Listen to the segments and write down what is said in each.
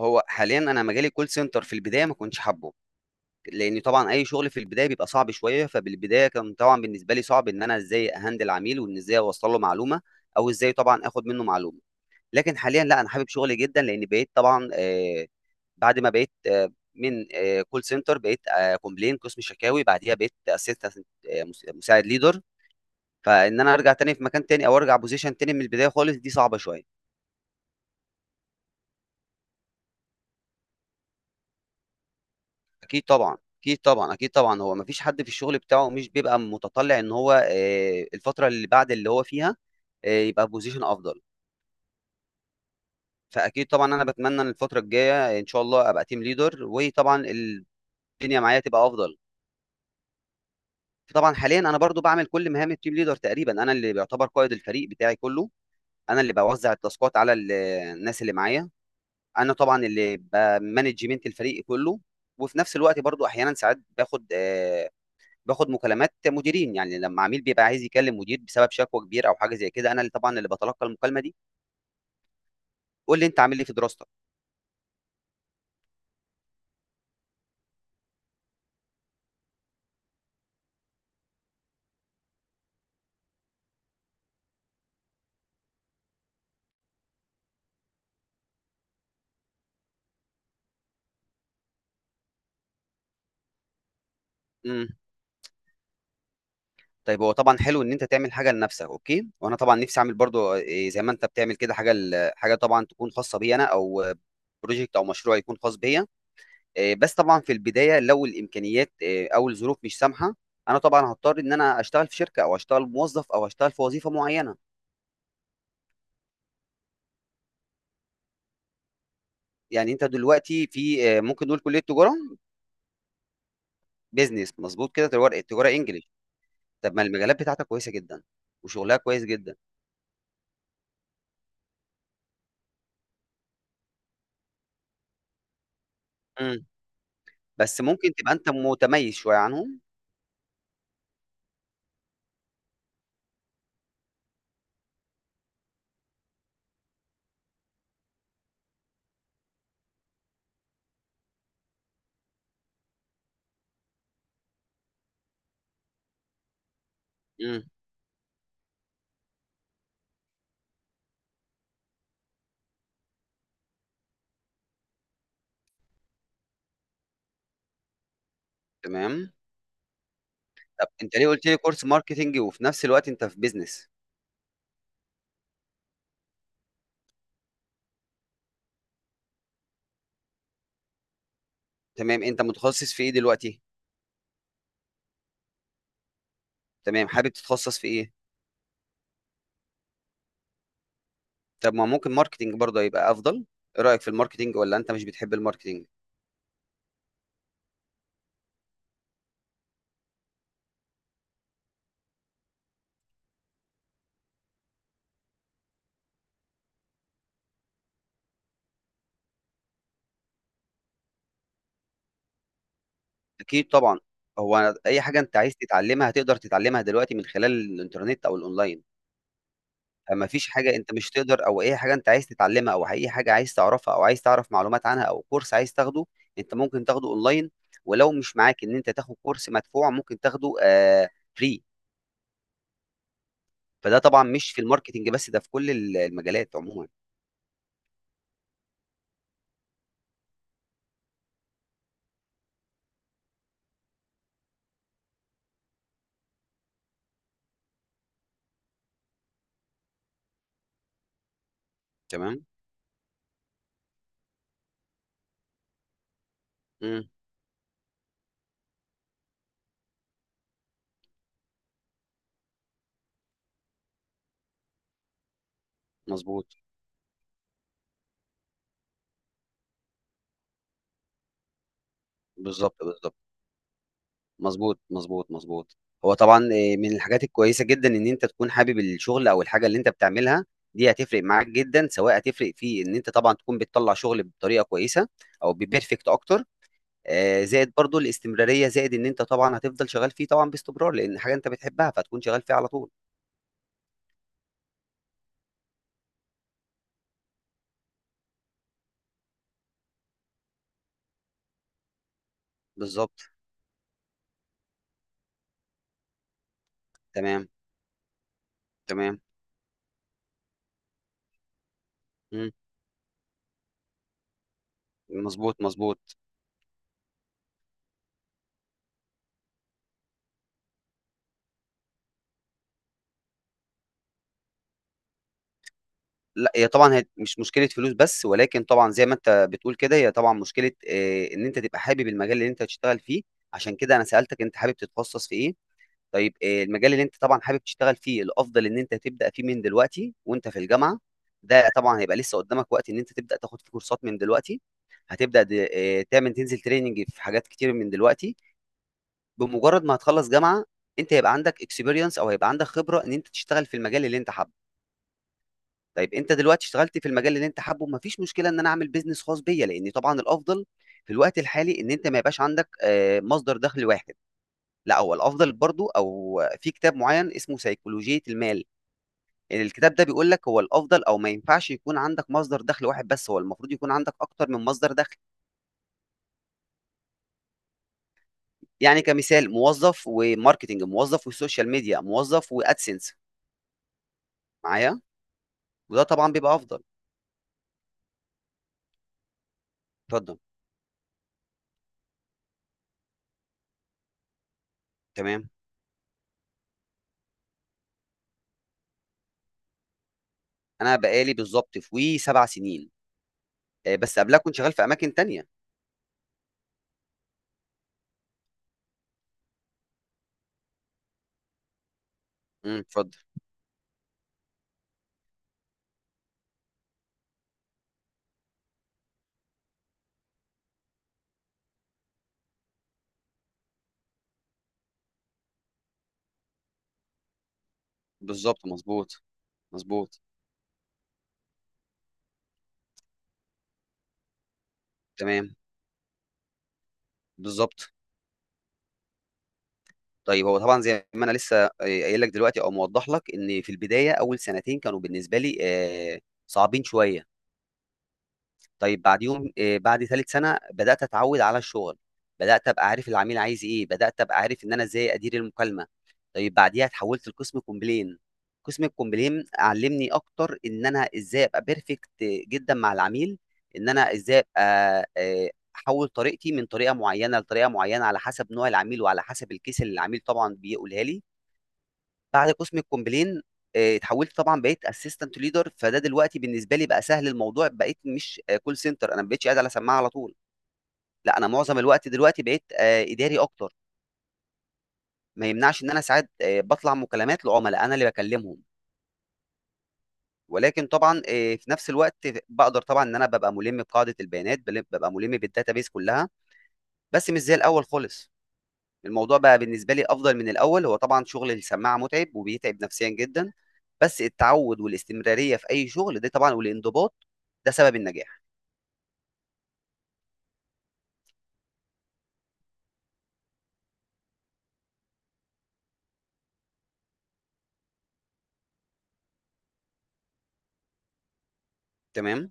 هو حاليا انا مجالي كول سنتر. في البدايه ما كنتش حابه، لان طبعا اي شغل في البدايه بيبقى صعب شويه، فبالبدايه كان طبعا بالنسبه لي صعب ان انا ازاي اهندل عميل، وان ازاي اوصل له معلومه، او ازاي طبعا اخد منه معلومه. لكن حاليا لا، انا حابب شغلي جدا، لان بقيت طبعا بعد ما بقيت من كول سنتر بقيت كومبلين، قسم شكاوي، بعديها بقيت اسيستنت مساعد ليدر. فان انا ارجع تاني في مكان تاني، او ارجع بوزيشن تاني من البدايه خالص، دي صعبه شويه. اكيد طبعا، اكيد طبعا، اكيد طبعا، هو مفيش حد في الشغل بتاعه مش بيبقى متطلع ان هو الفتره اللي بعد اللي هو فيها يبقى بوزيشن افضل. فاكيد طبعا انا بتمنى ان الفتره الجايه ان شاء الله ابقى تيم ليدر، وطبعا الدنيا معايا تبقى افضل. طبعا حاليا انا برضو بعمل كل مهام التيم ليدر تقريبا. انا اللي بيعتبر قائد الفريق بتاعي كله، انا اللي بوزع التاسكات على الناس اللي معايا، انا طبعا اللي بمانجمنت الفريق كله. وفي نفس الوقت برضو، احيانا ساعات باخد، باخد مكالمات مديرين، يعني لمّا عميل بيبقى عايز يكلم مدير بسبب شكوى كبيرة أو حاجة زي كده، أنا اللي طبعًا اللي باتلقى المكالمة دي. قُل لي أنت عامل إيه في دراستك؟ إمم، طيب هو طبعًا حلو إن أنت تعمل حاجة لنفسك، أوكي، وأنا طبعًا نفسي أعمل برضه زي ما أنت بتعمل كده، حاجة ل حاجة طبعًا تكون خاصة بيّا أنا، أو project أو مشروع يكون خاص بيّا. بس طبعًا في البداية، لو الإمكانيات أو الظروف مش سامحة، أنا طبعًا هاضطر إن أنا أشتغل في شركة، أو أشتغل موظف، أو أشتغل في وظيفة معيّنة. يعني أنت دلوقتي في ممكن نقول كلية تجارة؟ بيزنس، مظبوط كده، تجاره انجليش. طب ما المجالات بتاعتك كويسه جدا، وشغلها كويس جدا. امم بس ممكن تبقى انت متميز شويه عنهم. امم تمام. طب انت ليه قلت لي كورس ماركتينج وفي نفس الوقت انت في بيزنس؟ تمام، انت متخصص في ايه دلوقتي؟ تمام، حابب تتخصص في ايه؟ طب ما ممكن ماركتينج برضه يبقى افضل. ايه رايك في الماركتينج؟ ولا انت مش بتحب الماركتينج؟ اكيد طبعا، هو اي حاجه انت عايز تتعلمها هتقدر تتعلمها دلوقتي من خلال الانترنت او الاونلاين. فما فيش حاجة أنت مش تقدر، أو أي حاجة أنت عايز تتعلمها، أو أي حاجة عايز تعرفها أو عايز تعرف معلومات عنها، أو كورس عايز تاخده، أنت ممكن تاخده أونلاين. ولو مش معاك إن أنت تاخد كورس مدفوع، ممكن تاخده free. فده طبعًا مش في الماركتينج بس، ده في كل المجالات عمومًا. تمام؟ إمم. مضبوط. بالضبط، بالضبط. مضبوط، مضبوط، مضبوط. هو طبعًا من الحاجات الكويسة جدًا إن أنت تكون حابب الشغل أو الحاجة اللي أنت بتعملها. دي هتفرق معاك جدًا، سواء هتفرق في إن أنت طبعًا تكون بتطلّع شغل بطريقة كويسة أو بperfect أكتر. زائد برضه الاستمرارية، زائد إن أنت طبعًا هتفضل شغال فيه طبعًا باستمرار، لإن حاجة أنت بتحبها، فهتكون شغال فيها على طول. بالضبط. تمام، تمام. إمم. مضبوط، مضبوط. لأ، هي طبعًا هي مش مشكلة فلوس بس، ولكن طبعًا زي ما أنت بتقول كده، هي طبعًا مشكلة إن أنت تبقى حابب المجال اللي أنت هتشتغل فيه. عشان كده أنا سألتك أنت حابب تتخصص في إيه. طيب المجال اللي أنت طبعًا حابب تشتغل فيه، الأفضل إن أنت تبدأ فيه من دلوقتي وأنت في الجامعة. ده طبعًا هيبقى لسه قدامك وقت إن أنت تبدأ تاخد فيه كورسات من دلوقتي، هتبدأ د تعمل، تنزل training في حاجات كتير من دلوقتي. بمجرد ما هتخلّص جامعة، أنت هيبقى عندك experience أو هيبقى عندك خبرة إن أنت تشتغل في المجال اللي أنت حابه. طيب انت دلوقتي اشتغلت في المجال اللي انت حابه، مفيش مشكله ان انا اعمل بيزنس خاص بيا، لان طبعا الافضل في الوقت الحالي ان انت ما يبقاش عندك مصدر دخل واحد. لا، هو الافضل برضو، او في كتاب معين اسمه سيكولوجيه المال، يعني الكتاب ده بيقول لك هو الافضل، او ما ينفعش يكون عندك مصدر دخل واحد بس، هو المفروض يكون عندك اكتر من مصدر دخل. يعني كمثال، موظف وماركتنج، موظف وسوشيال ميديا، موظف وادسنس معايا. وده طبعا بيبقى افضل. اتفضل. تمام، انا بقالي بالظبط في وي 7 سنين. بس قبلها كنت شغال في اماكن تانية. امم، اتفضل. بالظبط، مظبوط، مظبوط. تمام. بالظبط. طيب هو طبعا زي ما انا لسه قايل لك دلوقتي او موضح لك، ان في البدايه اول سنتين كانوا بالنسبه لي آه، صعبين شويه. طيب بعد يوم، بعد ثالث سنه بدات اتعود على الشغل، بدات ابقى عارف العميل عايز ايه، بدات ابقى عارف ان انا ازاي ادير المكالمه. طيب بعديها اتحولت لقسم كومبلين. قسم الكومبلين علمني اكتر ان انا ازاي ابقى بيرفكت جدا مع العميل، ان انا ازاي ابقى آه، احول طريقتي من طريقه معينه لطريقه معينه على حسب نوع العميل، وعلى حسب الكيس اللي العميل طبعا بيقولها لي. بعد قسم الكومبلين اتحولت طبعا، بقيت اسيستنت ليدر. فده دلوقتي بالنسبه لي بقى سهل الموضوع، بقيت مش كول سنتر، انا ما بقتش قاعد على سماعه على طول. لا، انا معظم الوقت دلوقتي بقيت اداري اكتر. ما يمنعش ان انا ساعات بطلع مكالمات لعملاء انا اللي بكلمهم. ولكن طبعا في نفس الوقت بقدر طبعا ان انا ببقى ملم بقاعده البيانات، ببقى ملم بالداتابيس كلها، بس مش زي الاول خالص. الموضوع بقى بالنسبة لي أفضل من الأول. هو طبعًا شغل السماعة متعب، وبيتعب نفسيًا جدًا. بس التعوّد والاستمرارية في أي شغل، ده طبعًا، والانضباط ده سبب النجاح. تمام؟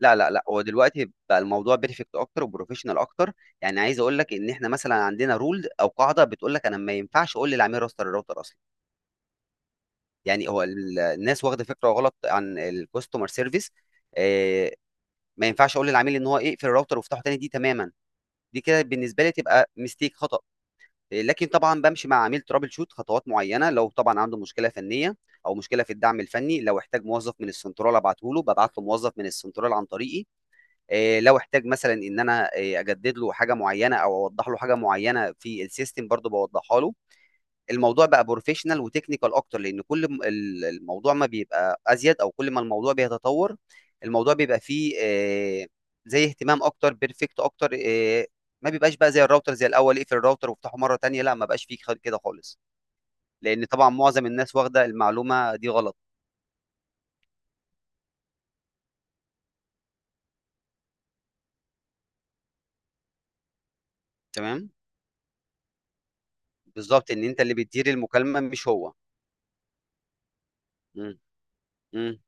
لأ، لأ، لأ، هو دلوقتي بقى الموضوع perfect أكتر وprofessional أكتر. يعني عايز أقول لك إن إحنا مثلًا عندنا rule أو قاعدة بتقول لك أنا ما ينفعش أقول للعميل راستر الراوتر أصلًا. يعني هو الناس واخدة فكرة غلط عن الcustomer service. آآ، ما ينفعش أقول للعميل إن هو يقفل الراوتر وافتحه تاني، دي تمامًا، دي كده بالنسبة لي تبقى mistake، خطأ. لكن طبعا بمشي مع عميل ترابل شوت خطوات معينه، لو طبعا عنده مشكله فنيه او مشكله في الدعم الفني. لو احتاج موظف من السنترال ابعته له، ببعت له موظف من السنترال عن طريقي. لو احتاج مثلا ان انا اجدد له حاجه معينه، او اوضح له حاجه معينه في السيستم، برضو بوضحها له. الموضوع بقى بروفيشنال وتكنيكال اكتر، لان كل الموضوع ما بيبقى ازيد، او كل ما الموضوع بيتطور، الموضوع بيبقى فيه زي اهتمام اكتر، بيرفكت اكتر. ما بيبقاش بقى زي الراوتر زي الاول، اقفل الراوتر وافتحه مره تانية، لا، ما بقاش فيه كده خالص، لان طبعا معظم الناس واخده المعلومه دي غلط. تمام، بالظبط، ان انت اللي بتدير المكالمه مش هو. مم. مم.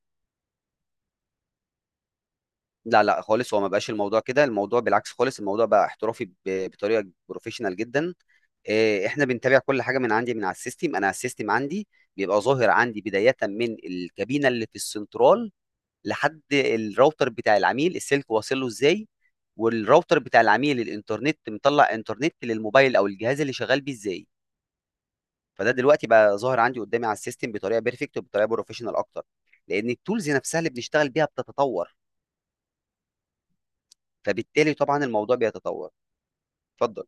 لا، لا خالص، هو ما بقاش الموضوع كده، الموضوع بالعكس خالص، الموضوع بقى احترافي بطريقه بروفيشنال جدا. احنا بنتابع كل حاجه من عندي من على السيستم، انا على السيستم عندي بيبقى ظاهر عندي بدايه من الكابينه اللي في السنترال لحد الراوتر بتاع العميل، السلك واصل له ازاي، والراوتر بتاع العميل الانترنت مطلع انترنت للموبايل او الجهاز اللي شغال بيه ازاي. فده دلوقتي بقى ظاهر عندي قدامي على السيستم بطريقه بيرفكت، وبطريقه بروفيشنال اكتر، لان التولز نفسها اللي بنشتغل بيها بتتطور، فبالتالي طبعا الموضوع بيتطور. اتفضل.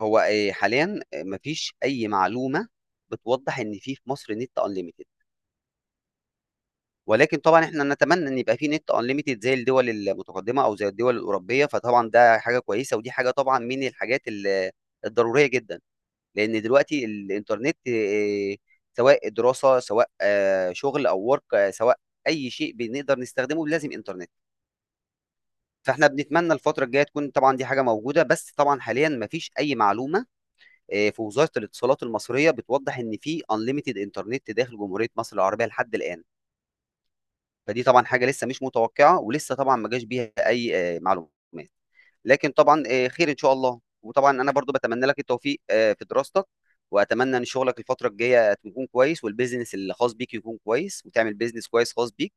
هو حاليا مفيش اي معلومه بتوضح ان في مصر نت انليميتد. ولكن طبعًا إحنا نتمنى إن يبقى في نت unlimited زي الدول المتقدمة أو زي الدول الأوروبية. فطبعًا ده حاجة كويسة، ودي حاجة طبعًا من الحاجات الضرورية جدًا. لأن دلوقتي الإنترنت سواء دراسة، سواء شغل أو work، سواء أي شيء بنقدر نستخدمه لازم إنترنت. فإحنا بنتمنى الفترة الجاية تكون طبعًا دي حاجة موجودة، بس طبعًا حاليًا ما فيش أي معلومة في وزارة الاتصالات المصرية بتوضّح إن في unlimited إنترنت داخل جمهورية مصر العربية لحد الآن. فدي طبعًا حاجة لسه مش متوقعة، ولسه طبعًا ما جاش بيها أي معلومات. لكن طبعًا خير إن شاء الله، وطبعًا أنا برضه باتمنى لك التوفيق في دراستك. وأتمنى إن شغلك الفترة الجاية يكون كويس، والbusiness الخاص بيك يكون كويس، وتعمل business كويس خاص بيك.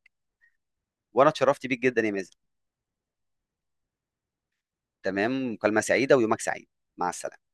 وأنا اتشرفت بيك جدًا يا مازن. تمام، مكالمة سعيدة ويومك سعيد. مع السلامة.